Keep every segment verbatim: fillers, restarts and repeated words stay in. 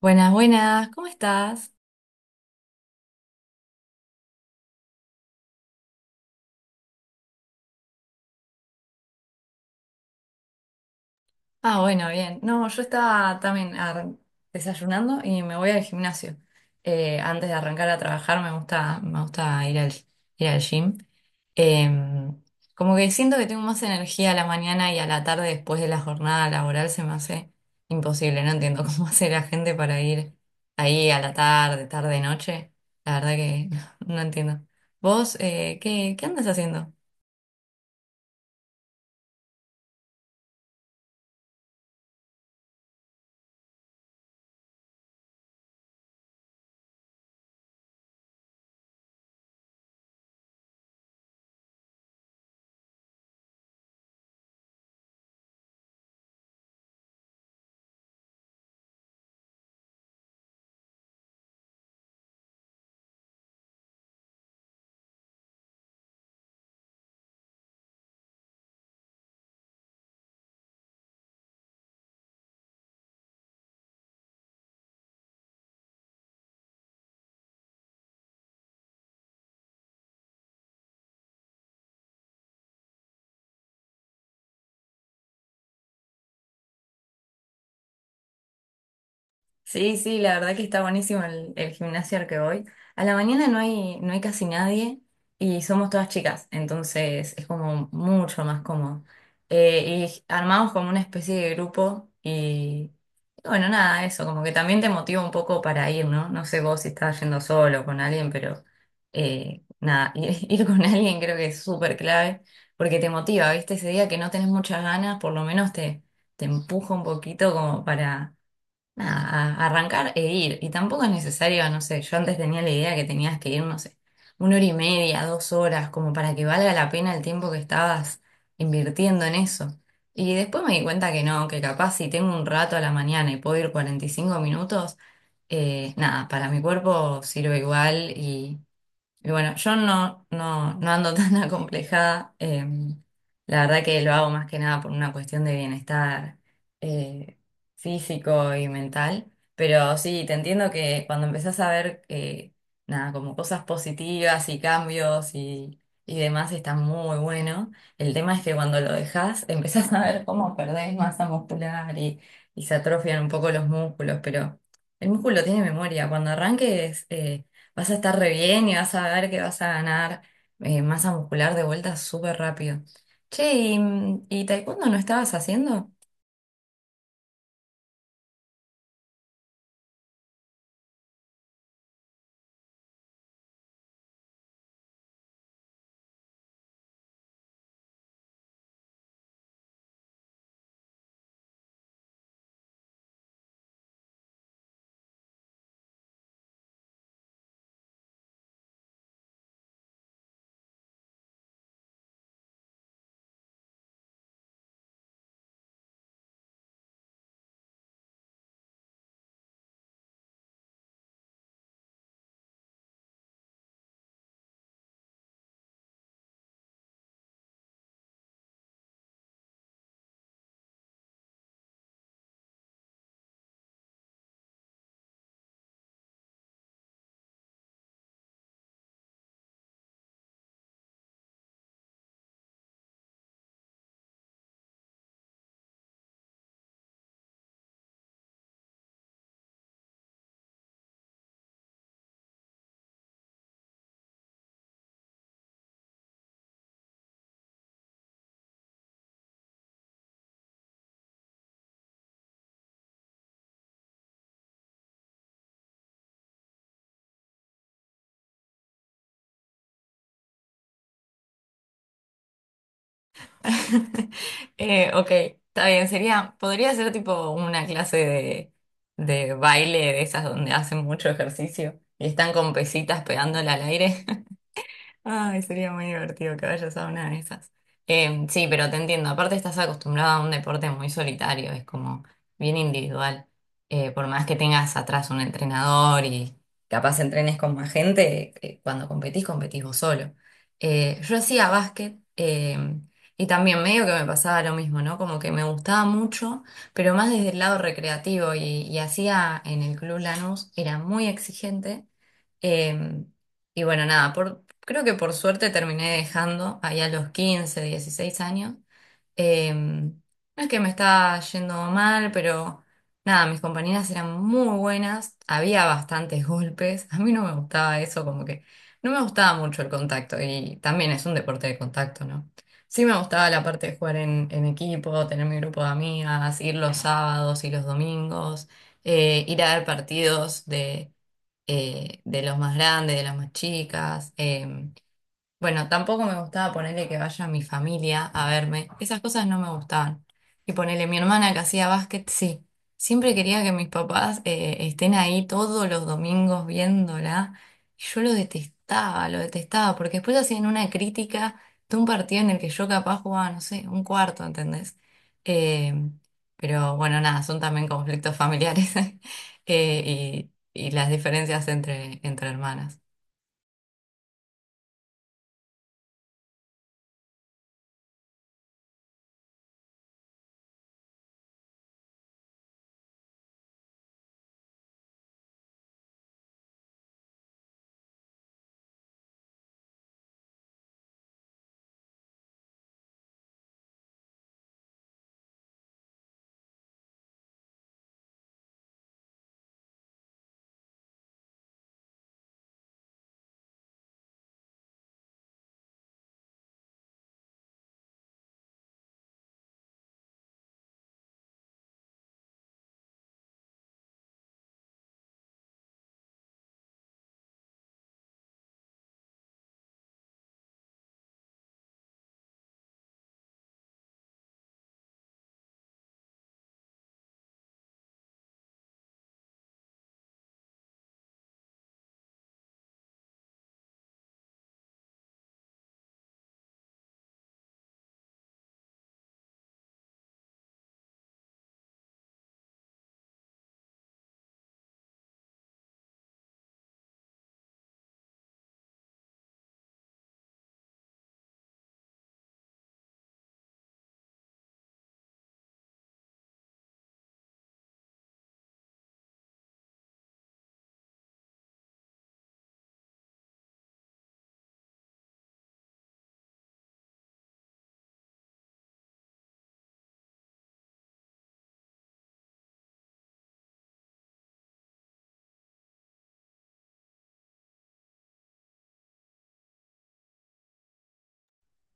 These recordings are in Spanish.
Buenas, buenas, ¿cómo estás? Ah, bueno, bien. No, yo estaba también ar- desayunando y me voy al gimnasio. Eh, antes de arrancar a trabajar me gusta, me gusta ir al, ir al gym. Em, como que siento que tengo más energía a la mañana y a la tarde después de la jornada laboral se me hace imposible. No entiendo cómo hace la gente para ir ahí a la tarde, tarde, noche. La verdad que no entiendo. ¿Vos eh, qué, qué andas haciendo? Sí, sí, la verdad que está buenísimo el, el gimnasio al que voy. A la mañana no hay, no hay casi nadie y somos todas chicas, entonces es como mucho más cómodo. Eh, y armamos como una especie de grupo y, y bueno, nada, eso, como que también te motiva un poco para ir, ¿no? No sé vos si estás yendo solo o con alguien, pero eh, nada, ir, ir con alguien creo que es súper clave porque te motiva, ¿viste? Ese día que no tenés muchas ganas, por lo menos te, te empuja un poquito como para nada, a- arrancar e ir. Y tampoco es necesario, no sé, yo antes tenía la idea que tenías que ir, no sé, una hora y media, dos horas, como para que valga la pena el tiempo que estabas invirtiendo en eso. Y después me di cuenta que no, que capaz si tengo un rato a la mañana y puedo ir cuarenta y cinco minutos, eh, nada, para mi cuerpo sirve igual y bueno, yo no, no, no ando tan acomplejada. em, la verdad que lo hago más que nada por una cuestión de bienestar eh, físico y mental. Pero sí, te entiendo que cuando empezás a ver eh, nada, como cosas positivas y cambios y, y demás está muy bueno. El tema es que cuando lo dejás, empezás a ver cómo perdés masa muscular y, y se atrofian un poco los músculos. Pero el músculo tiene memoria. Cuando arranques. eh, Vas a estar re bien y vas a ver que vas a ganar eh, masa muscular de vuelta súper rápido. Che, ¿y, y taekwondo no estabas haciendo? Eh, ok, está bien, sería, podría ser tipo una clase de, de baile de esas donde hacen mucho ejercicio y están con pesitas pegándole al aire. Ay, sería muy divertido que vayas a una de esas. Em, sí, pero te entiendo. Aparte estás acostumbrada a un deporte muy solitario, es como bien individual. Eh, por más que tengas atrás un entrenador y capaz entrenes con más gente, eh, cuando competís, competís vos solo. Eh, yo hacía básquet em, y también medio que me pasaba lo mismo, ¿no? Como que me gustaba mucho, pero más desde el lado recreativo y, y hacía en el Club Lanús, era muy exigente. Em, y bueno, nada, por, Creo que por suerte terminé dejando ahí a los quince, dieciséis años. Eh, no es que me estaba yendo mal, pero nada, mis compañeras eran muy buenas, había bastantes golpes, a mí no me gustaba eso, como que no me gustaba mucho el contacto y también es un deporte de contacto, ¿no? Sí me gustaba la parte de jugar en, en equipo, tener mi grupo de amigas, ir los sábados y los domingos, eh, ir a ver partidos de eh, de los más grandes, de las más chicas. eh, bueno, tampoco me gustaba ponerle que vaya mi familia a verme. Esas cosas no me gustaban. Y ponerle mi hermana que hacía básquet, sí. Siempre quería que mis papás eh, estén ahí todos los domingos viéndola. Y yo lo detestaba, lo detestaba, porque después hacían una crítica de un partido en el que yo capaz jugaba, no sé, un cuarto, ¿entendés? Eh, pero bueno, nada, son también conflictos familiares eh, y, y las diferencias entre, entre hermanas.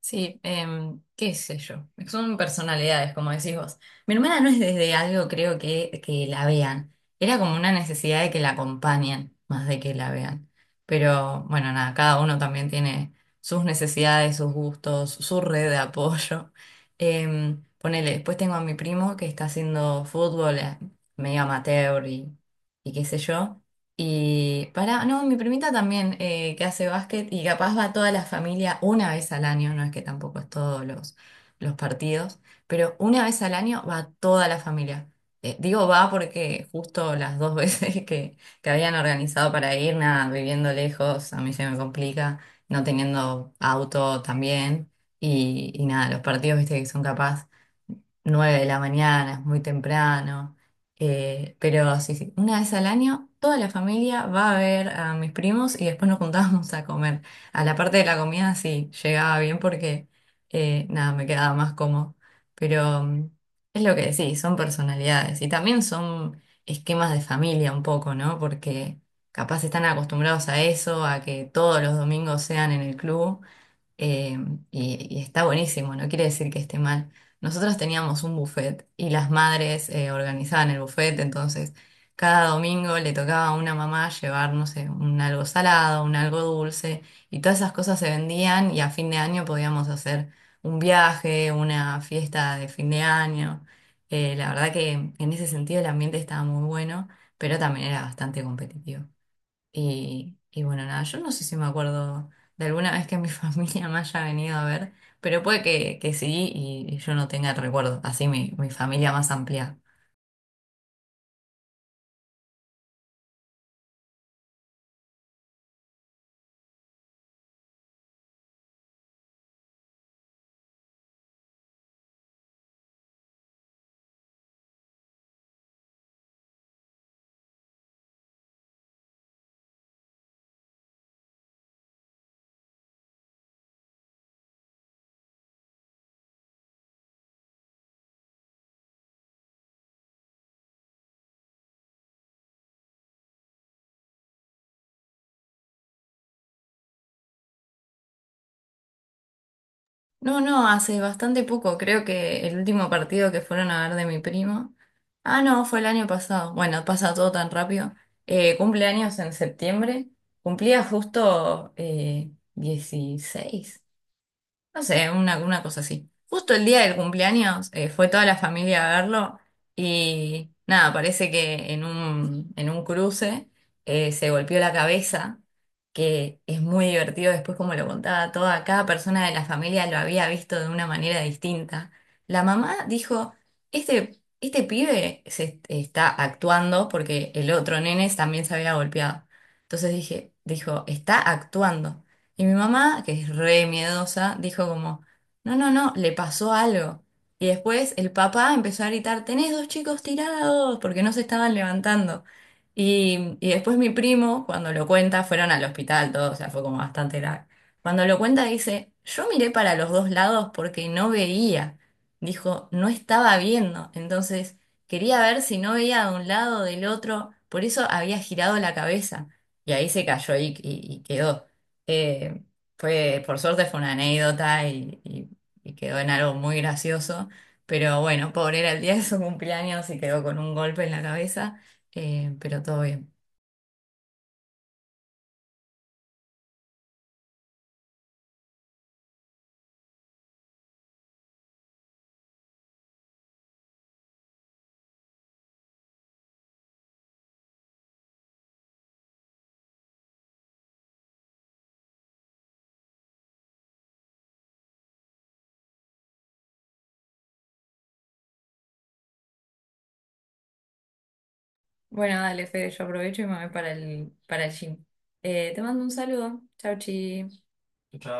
Sí, em, qué sé yo. Son personalidades, como decís vos. Mi hermana no es desde algo, creo que, que la vean. Era como una necesidad de que la acompañen, más de que la vean. Pero bueno, nada, cada uno también tiene sus necesidades, sus gustos, su red de apoyo. Em, ponele, después tengo a mi primo que está haciendo fútbol eh, medio amateur y, y qué sé yo. Y para, no, mi primita también eh, que hace básquet y capaz va toda la familia una vez al año, no es que tampoco es todos los, los partidos, pero una vez al año va toda la familia. Eh, digo va porque justo las dos veces que, que habían organizado para ir, nada, viviendo lejos, a mí se me complica, no teniendo auto también, y, y nada, los partidos, viste, que son capaz nueve de la mañana, es muy temprano. Eh, pero sí, sí, una vez al año toda la familia va a ver a mis primos y después nos juntábamos a comer. A la parte de la comida sí llegaba bien porque eh, nada, me quedaba más cómodo. Pero mm, es lo que decís, son personalidades y también son esquemas de familia un poco, ¿no? Porque capaz están acostumbrados a eso, a que todos los domingos sean en el club eh, y, y está buenísimo, no quiere decir que esté mal. Nosotros teníamos un buffet y las madres eh, organizaban el buffet, entonces cada domingo le tocaba a una mamá llevar, no sé, un algo salado, un algo dulce, y todas esas cosas se vendían y a fin de año podíamos hacer un viaje, una fiesta de fin de año. Eh, la verdad que en ese sentido el ambiente estaba muy bueno, pero también era bastante competitivo. Y, y bueno, nada, yo no sé si me acuerdo de alguna vez que mi familia me haya venido a ver, pero puede que, que sí y yo no tenga el recuerdo, así mi, mi familia más amplia. No, no, hace bastante poco, creo que el último partido que fueron a ver de mi primo. Ah, no, fue el año pasado. Bueno, pasa todo tan rápido. Eh, cumpleaños en septiembre, cumplía justo eh, dieciséis. No sé, una, una cosa así. Justo el día del cumpleaños eh, fue toda la familia a verlo y nada, parece que en un, en un cruce eh, se golpeó la cabeza, que es muy divertido después como lo contaba toda, cada persona de la familia lo había visto de una manera distinta. La mamá dijo, este, este pibe se está actuando porque el otro nene también se había golpeado. Entonces dije, dijo, está actuando. Y mi mamá, que es re miedosa, dijo como, no, no, no, le pasó algo. Y después el papá empezó a gritar, tenés dos chicos tirados, porque no se estaban levantando. Y, y después mi primo, cuando lo cuenta, fueron al hospital todos, o sea, fue como bastante grave. Cuando lo cuenta dice, yo miré para los dos lados porque no veía. Dijo, no estaba viendo. Entonces, quería ver si no veía de un lado o del otro, por eso había girado la cabeza. Y ahí se cayó y y- y quedó. Eh, fue, por suerte fue una anécdota y, y- y quedó en algo muy gracioso, pero bueno, pobre era el día de su cumpleaños y quedó con un golpe en la cabeza, eh, pero todo bien. Bueno, dale, Fede, yo aprovecho y me voy para el, para el, gym. Eh, te mando un saludo. Chau, chi.